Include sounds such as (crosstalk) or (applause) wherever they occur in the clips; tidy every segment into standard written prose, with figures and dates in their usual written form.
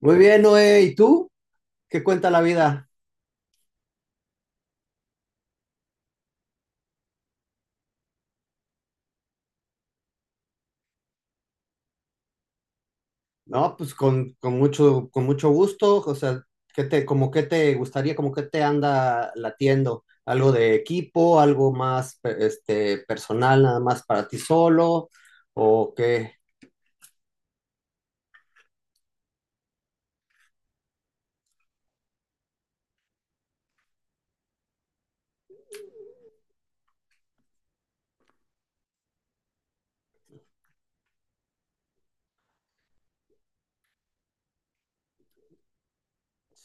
Muy bien, Noé. ¿Y tú? ¿Qué cuenta la vida? No, pues con mucho, con mucho gusto. O sea, ¿qué te, como qué te gustaría, como qué te anda latiendo? ¿Algo de equipo, algo más personal, nada más para ti solo? ¿O qué?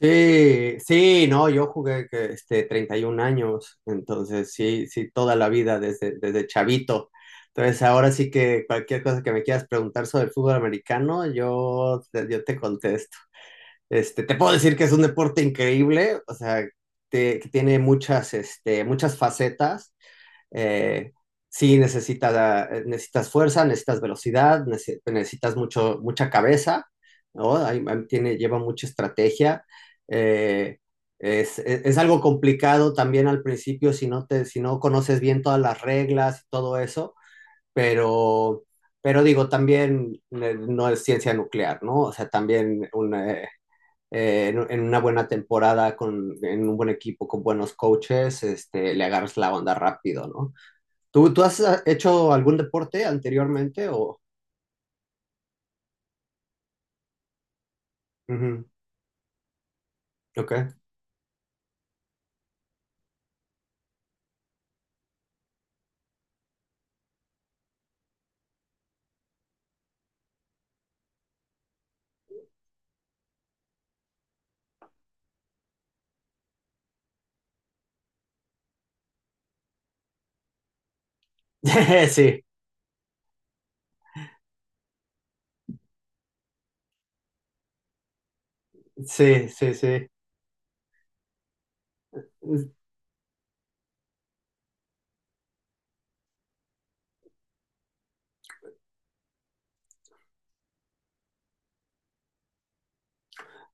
Sí, sí, no, yo jugué que, 31 años, entonces sí, sí, toda la vida desde, desde chavito. Entonces ahora sí que cualquier cosa que me quieras preguntar sobre el fútbol americano, yo te contesto. Te puedo decir que es un deporte increíble, o sea, que tiene muchas, muchas facetas. Eh, sí, necesitas fuerza, necesitas velocidad, necesitas mucha cabeza, ¿no? Ahí tiene, lleva mucha estrategia. Eh, es algo complicado también al principio si no te, si no conoces bien todas las reglas y todo eso, pero, pero digo, también no es ciencia nuclear, ¿no? O sea, también en una buena temporada, en un buen equipo, con buenos coaches, le agarras la onda rápido, ¿no? ¿Tú has hecho algún deporte anteriormente o...? Ujú. Ok. (laughs) Sí, sí, sí, sí.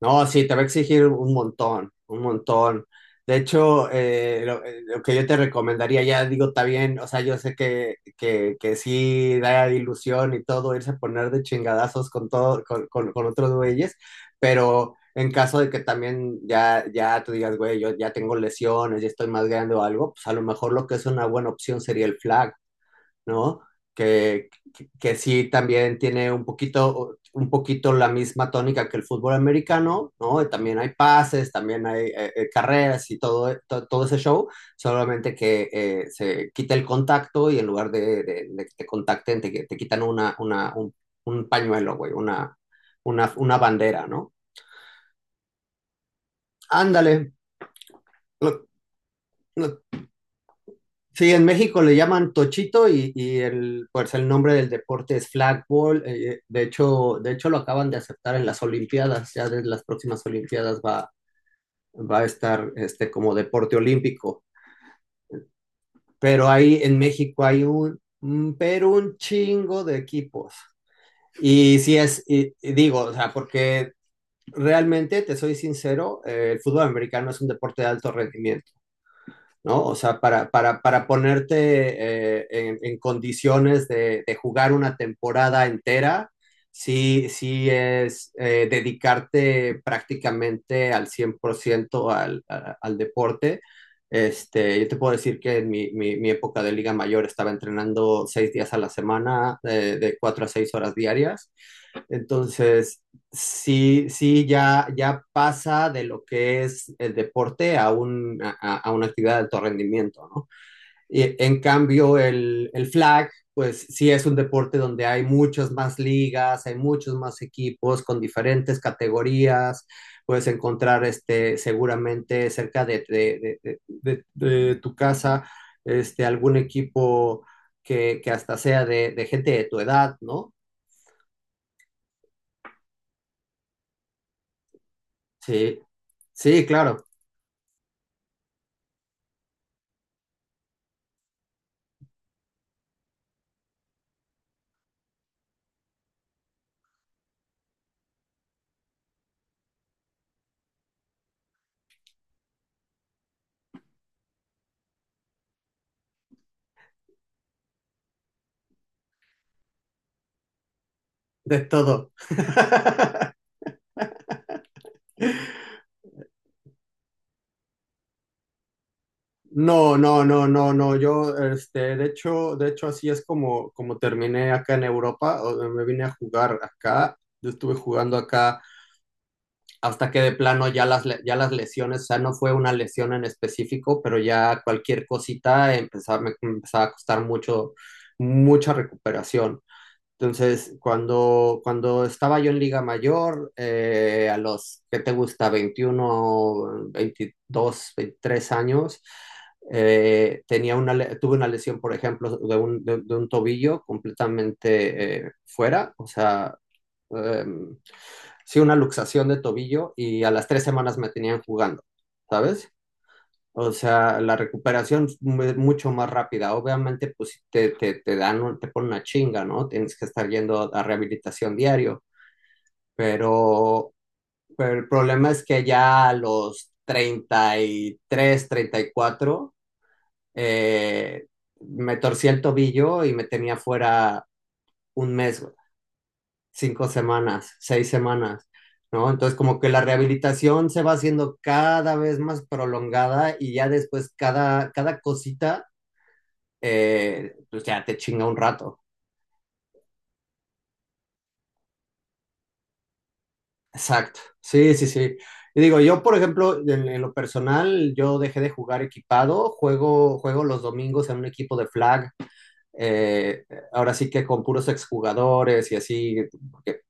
No, sí, te va a exigir un montón, un montón. De hecho, lo que yo te recomendaría, ya digo, está bien, o sea, yo sé que sí da ilusión y todo, irse a poner de chingadazos con todo, con otros güeyes, pero en caso de que también ya tú digas, güey, yo ya tengo lesiones, ya estoy más grande o algo, pues a lo mejor lo que es una buena opción sería el flag, ¿no? Que, que sí también tiene un poquito la misma tónica que el fútbol americano, ¿no? Y también hay pases, también hay carreras y todo, todo ese show, solamente que se quita el contacto y en lugar de, de que te contacten, te quitan un pañuelo, güey, una bandera, ¿no? Ándale, lo, lo. Sí, en México le llaman tochito y el, pues el nombre del deporte es flagball. De hecho, de hecho lo acaban de aceptar en las Olimpiadas. Ya desde las próximas Olimpiadas va a estar como deporte olímpico. Pero ahí en México hay pero un chingo de equipos. Y sí es, y digo, o sea, porque realmente te soy sincero, el fútbol americano es un deporte de alto rendimiento, ¿no? O sea, para ponerte en condiciones de jugar una temporada entera, sí, sí es dedicarte prácticamente al 100% al deporte. Yo te puedo decir que en época de Liga Mayor estaba entrenando 6 días a la semana, de 4 a 6 horas diarias. Entonces, sí, sí, ya, ya pasa de lo que es el deporte a, a una actividad de alto rendimiento, ¿no? Y, en cambio, el flag, pues sí es un deporte donde hay muchas más ligas, hay muchos más equipos con diferentes categorías, puedes encontrar seguramente cerca de tu casa algún equipo que hasta sea de gente de tu edad, ¿no? Sí, sí, claro, de todo. (laughs) No, no, no, no, no. Yo, de hecho, así es como terminé acá en Europa. Me vine a jugar acá. Yo estuve jugando acá hasta que de plano ya las lesiones, o sea, no fue una lesión en específico, pero ya cualquier cosita empezaba, me empezaba a costar mucho, mucha recuperación. Entonces, cuando estaba yo en Liga Mayor, a los, ¿qué te gusta? 21, 22, 23 años, tenía tuve una lesión, por ejemplo, de un tobillo completamente fuera, o sea, em, sí, una luxación de tobillo y a las 3 semanas me tenían jugando, ¿sabes? O sea, la recuperación es mucho más rápida. Obviamente, pues sí te, te dan, te ponen una chinga, ¿no? Tienes que estar yendo a rehabilitación diario. Pero, pero el problema es que ya a los 33, 34, eh, me torcí el tobillo y me tenía fuera un mes, güey, 5 semanas, 6 semanas, ¿no? Entonces, como que la rehabilitación se va haciendo cada vez más prolongada y ya después cada cosita pues ya te chinga un rato. Exacto. Sí, sí, sí. Y digo, yo, por ejemplo, en lo personal, yo dejé de jugar equipado, juego los domingos en un equipo de flag, eh, ahora sí que con puros exjugadores y así, porque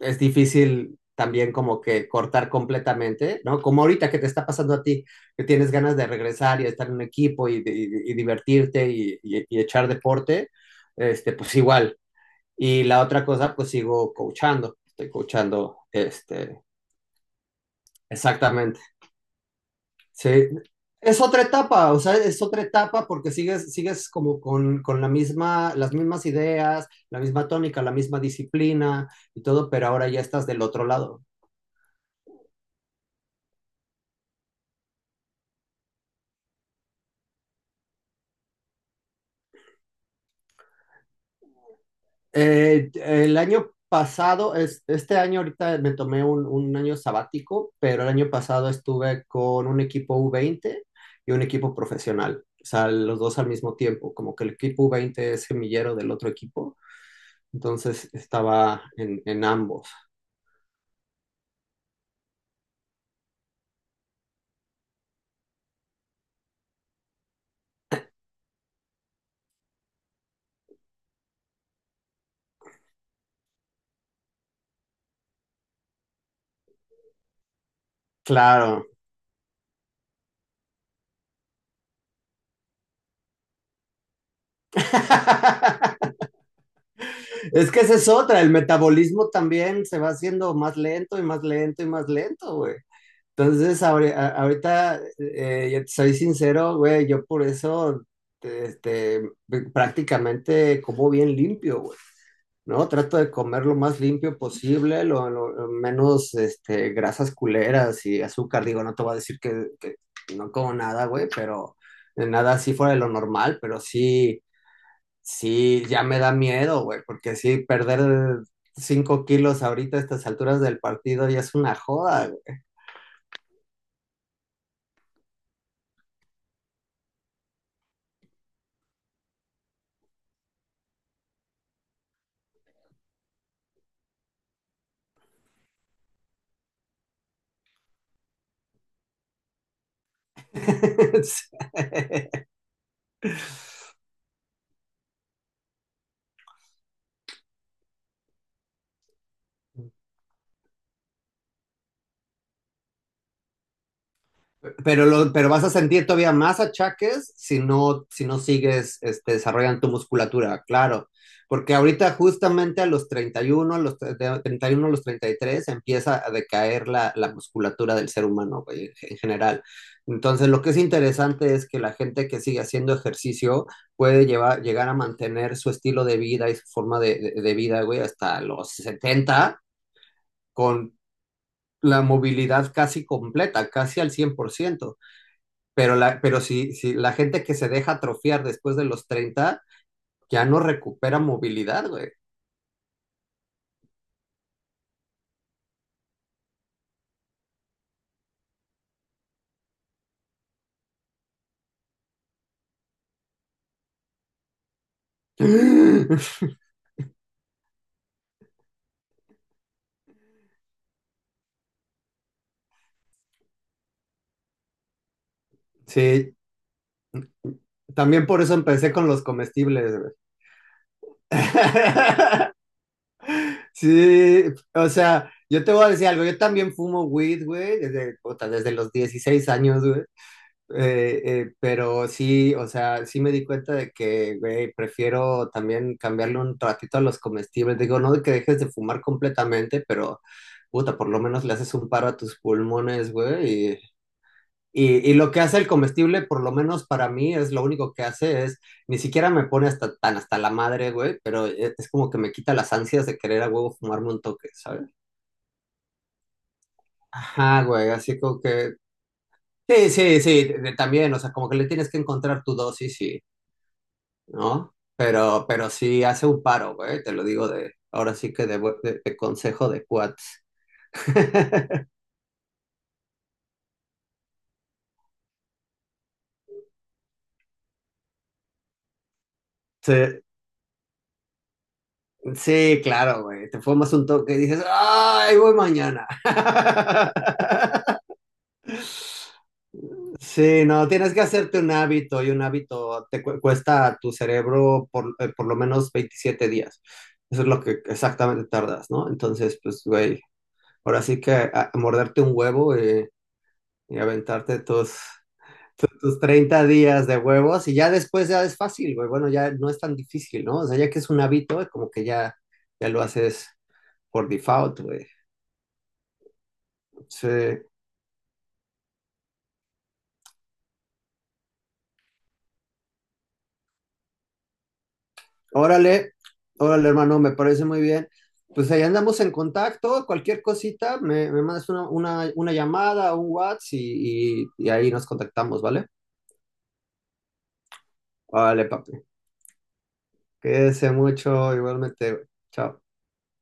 es difícil también como que cortar completamente, ¿no? Como ahorita que te está pasando a ti, que tienes ganas de regresar y estar en un equipo y divertirte y echar deporte, pues igual, y la otra cosa, pues sigo coachando, estoy coachando. Exactamente. Sí, es otra etapa, o sea, es otra etapa porque sigues, sigues como con la misma, las mismas ideas, la misma tónica, la misma disciplina y todo, pero ahora ya estás del otro lado. El año pasado, es, este año ahorita me tomé un año sabático, pero el año pasado estuve con un equipo u veinte y un equipo profesional, o sea, los dos al mismo tiempo, como que el equipo u veinte es semillero del otro equipo, entonces estaba en ambos. Claro. (laughs) Es que esa es otra, el metabolismo también se va haciendo más lento y más lento y más lento, güey. Entonces, ahorita, yo te soy sincero, güey, yo por eso, este, prácticamente como bien limpio, güey, ¿no? Trato de comer lo más limpio posible, lo menos, grasas culeras y azúcar. Digo, no te voy a decir que no como nada, güey, pero nada así fuera de lo normal, pero sí, sí, ya me da miedo, güey, porque sí, perder 5 kilos ahorita a estas alturas del partido ya es una joda, güey. (laughs) Pero, pero vas a sentir todavía más achaques si no sigues desarrollando tu musculatura, claro. Porque ahorita justamente a los 31 a los tre- de 31 a los 33 empieza a decaer la musculatura del ser humano, güey, en general. Entonces, lo que es interesante es que la gente que sigue haciendo ejercicio puede llegar a mantener su estilo de vida y su forma de vida, güey, hasta los 70 con la movilidad casi completa, casi al 100%. Pero, pero si, si la gente que se deja atrofiar después de los 30 ya no recupera movilidad, güey. (gasps) Sí, también por eso empecé con los comestibles, güey. (laughs) Sí, o sea, yo te voy a decir algo, yo también fumo weed, güey, desde, puta, desde los 16 años, güey. Pero sí, o sea, sí me di cuenta de que, güey, prefiero también cambiarle un ratito a los comestibles. Digo, no de que dejes de fumar completamente, pero puta, por lo menos le haces un paro a tus pulmones, güey. Y lo que hace el comestible, por lo menos para mí, es lo único que hace es, ni siquiera me pone hasta tan hasta la madre, güey, pero es como que me quita las ansias de querer a huevo fumarme un toque, ¿sabes? Ajá, güey, así como que... Sí, sí, sí, también, o sea, como que le tienes que encontrar tu dosis, ¿no? Pero sí hace un paro, güey, te lo digo de, ahora sí que de, de consejo de cuates. (laughs) Sí, sí, claro, güey, te fumas un toque y dices, ¡ay, voy mañana! (laughs) Sí, no, tienes que hacerte un hábito y un hábito te cuesta a tu cerebro por lo menos 27 días. Eso es lo que exactamente tardas, ¿no? Entonces, pues, güey, ahora sí que a morderte un huevo y aventarte todos tus 30 días de huevos y ya después ya es fácil, güey. Bueno, ya no es tan difícil, ¿no? O sea, ya que es un hábito, como que ya, ya lo haces por default, güey. Sí. Órale, órale, hermano, me parece muy bien. Pues ahí andamos en contacto, cualquier cosita, me mandas una llamada, un WhatsApp y ahí nos contactamos, ¿vale? Vale, papi. Cuídese mucho, igualmente, güey. Chao.